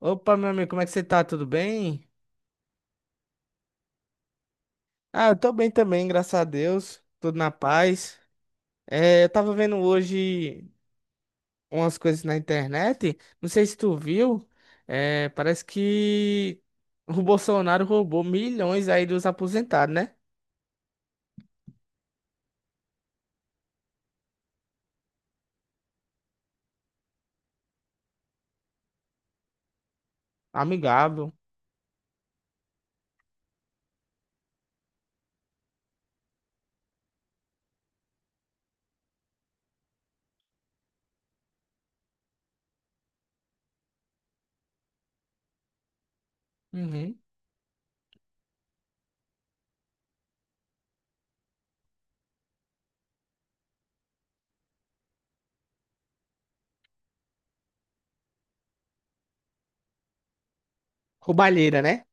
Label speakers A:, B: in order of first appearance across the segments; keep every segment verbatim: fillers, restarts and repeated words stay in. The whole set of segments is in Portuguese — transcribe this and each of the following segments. A: Opa, meu amigo, como é que você tá? Tudo bem? Ah, eu tô bem também, graças a Deus. Tudo na paz. É, eu tava vendo hoje umas coisas na internet. Não sei se tu viu. É, parece que o Bolsonaro roubou milhões aí dos aposentados, né? Amigável. Uhum. Roubalheira, né?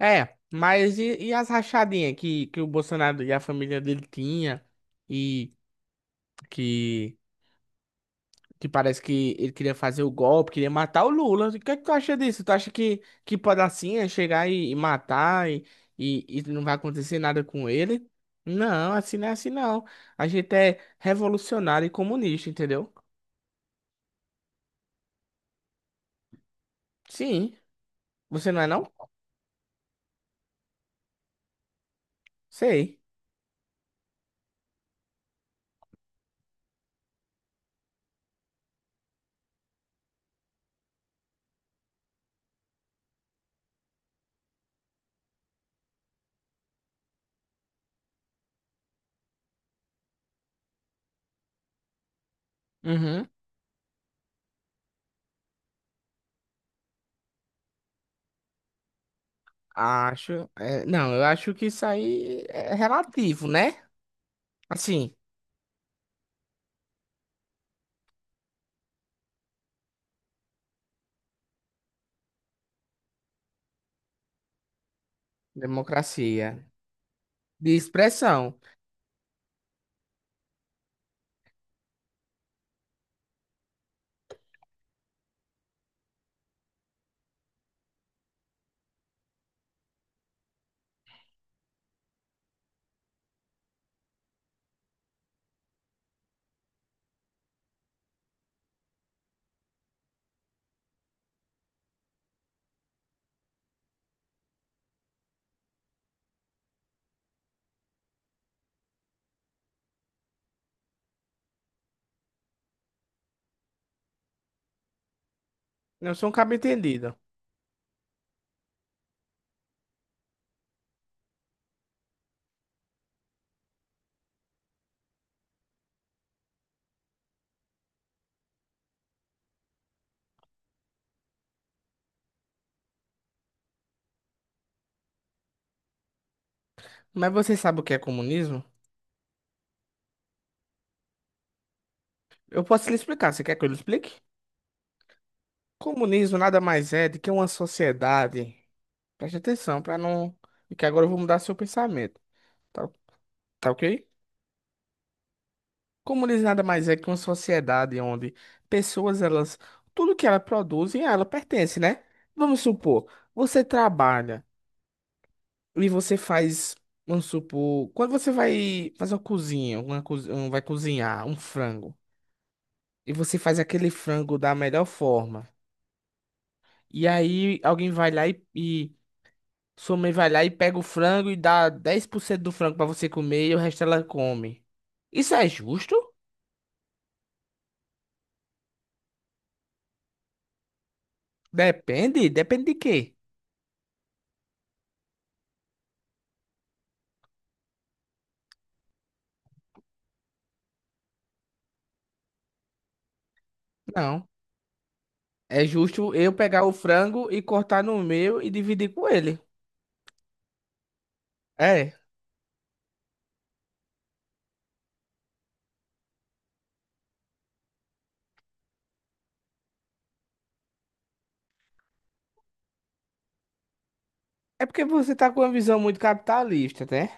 A: É, mas e, e as rachadinhas que, que o Bolsonaro e a família dele tinha e que Que parece que ele queria fazer o golpe, queria matar o Lula. O que é que tu acha disso? Tu acha que, que pode assim é chegar e, e matar e, e, e não vai acontecer nada com ele? Não, assim não é assim não. A gente é revolucionário e comunista, entendeu? Sim. Você não é não? Sei. Uhum. Acho. É, não, eu acho que isso aí é relativo, né? Assim, democracia de expressão. Não sou um cabo entendido. Mas você sabe o que é comunismo? Eu posso lhe explicar. Você quer que eu lhe explique? Comunismo nada mais é do que uma sociedade. Preste atenção para não. E que agora eu vou mudar seu pensamento. Tá, tá ok? Comunismo nada mais é que uma sociedade onde pessoas, elas. Tudo que elas produzem, a ela pertence, né? Vamos supor, você trabalha e você faz. Vamos supor, quando você vai fazer uma cozinha, uma cozi- um- vai cozinhar um frango, e você faz aquele frango da melhor forma. E aí alguém vai lá e, e sua mãe vai lá e pega o frango e dá dez por cento do frango pra você comer e o resto ela come. Isso é justo? Depende, depende de quê? Não. É justo eu pegar o frango e cortar no meu e dividir com ele. É. É porque você tá com uma visão muito capitalista, né?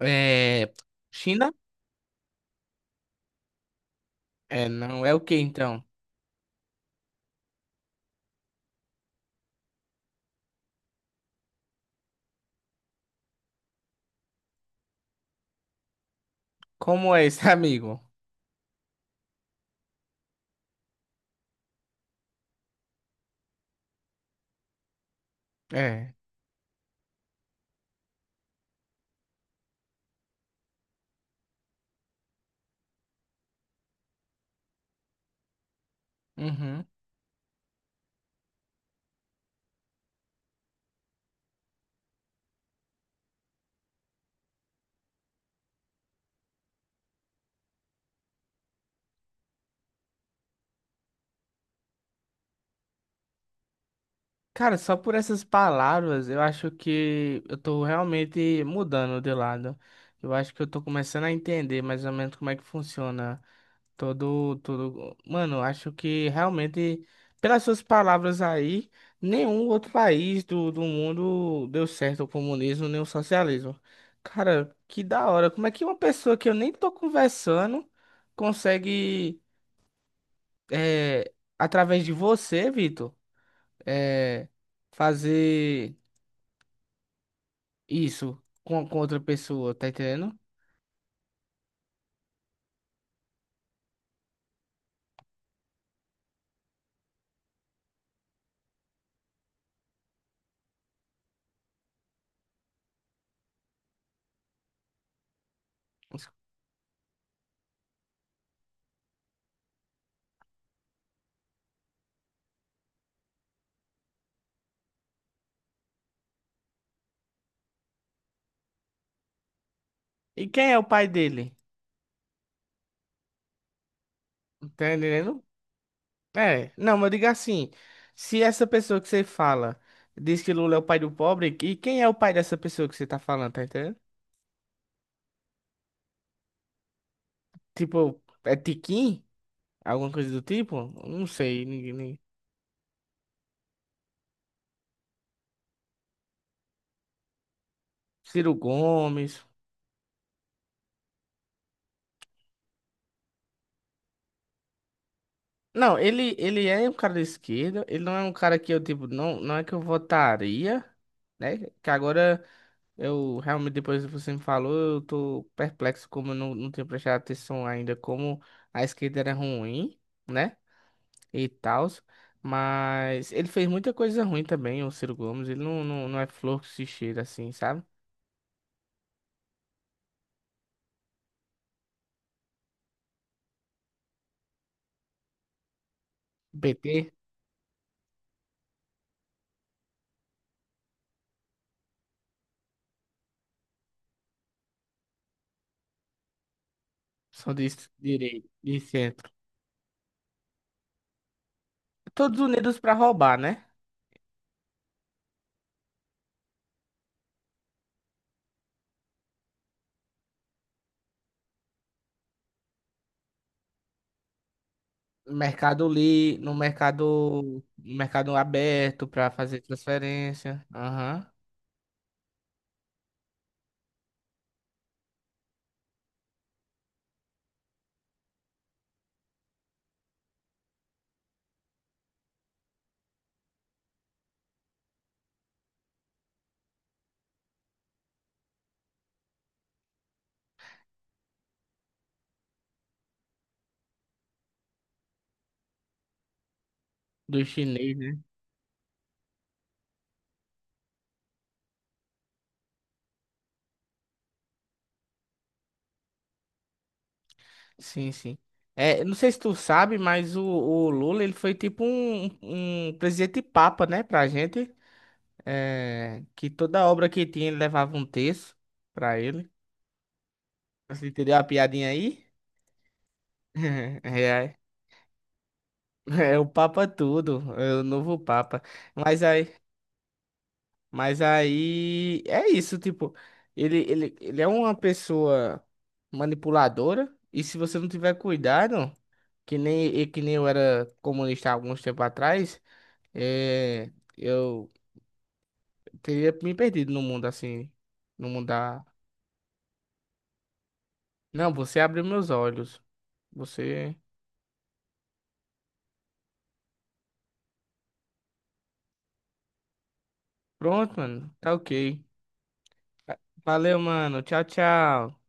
A: É. China? É, não é o que então? Como é esse amigo? É. Uhum. Cara, só por essas palavras, eu acho que eu tô realmente mudando de lado. Eu acho que eu tô começando a entender mais ou menos como é que funciona todo, todo. Mano, eu acho que realmente, pelas suas palavras aí, nenhum outro país do, do mundo deu certo o comunismo nem o socialismo. Cara, que da hora. Como é que uma pessoa que eu nem tô conversando consegue, é, através de você, Vitor, é, fazer. Isso, com, com outra pessoa, tá entendendo? E quem é o pai dele? Tá entendendo? É, não, mas diga assim, se essa pessoa que você fala diz que Lula é o pai do pobre, e quem é o pai dessa pessoa que você tá falando, tá entendendo? Tipo, é Tiquim? Alguma coisa do tipo? Não sei, ninguém, ninguém- Ciro Gomes. Não, ele, ele é um cara da esquerda, ele não é um cara que eu, tipo, não, não é que eu votaria, né? Que agora. Eu realmente, depois que você me falou, eu tô perplexo como eu não, não tinha prestado atenção ainda, como a esquerda era ruim, né? E tal. Mas ele fez muita coisa ruim também, o Ciro Gomes. Ele não, não, não é flor que se cheira assim, sabe? P T são de direita, de centro. Todos unidos pra roubar, né? Mercado livre, no mercado, no mercado aberto pra fazer transferência. Aham. Do chinês, né? Sim, sim. É, não sei se tu sabe, mas o, o Lula ele foi tipo um, um presidente papa, né, pra gente. É, que toda obra que tinha ele levava um texto pra ele. Você entendeu a piadinha aí? É, é o Papa tudo, é o novo Papa. Mas aí, mas aí é isso, tipo, ele, ele, ele é uma pessoa manipuladora, e se você não tiver cuidado, que nem, e que nem eu era comunista há alguns tempos atrás. É, eu teria me perdido no mundo assim, no mundo da... Não, você abriu meus olhos. Você... Pronto, mano. Tá ok. Valeu, mano. Tchau, tchau.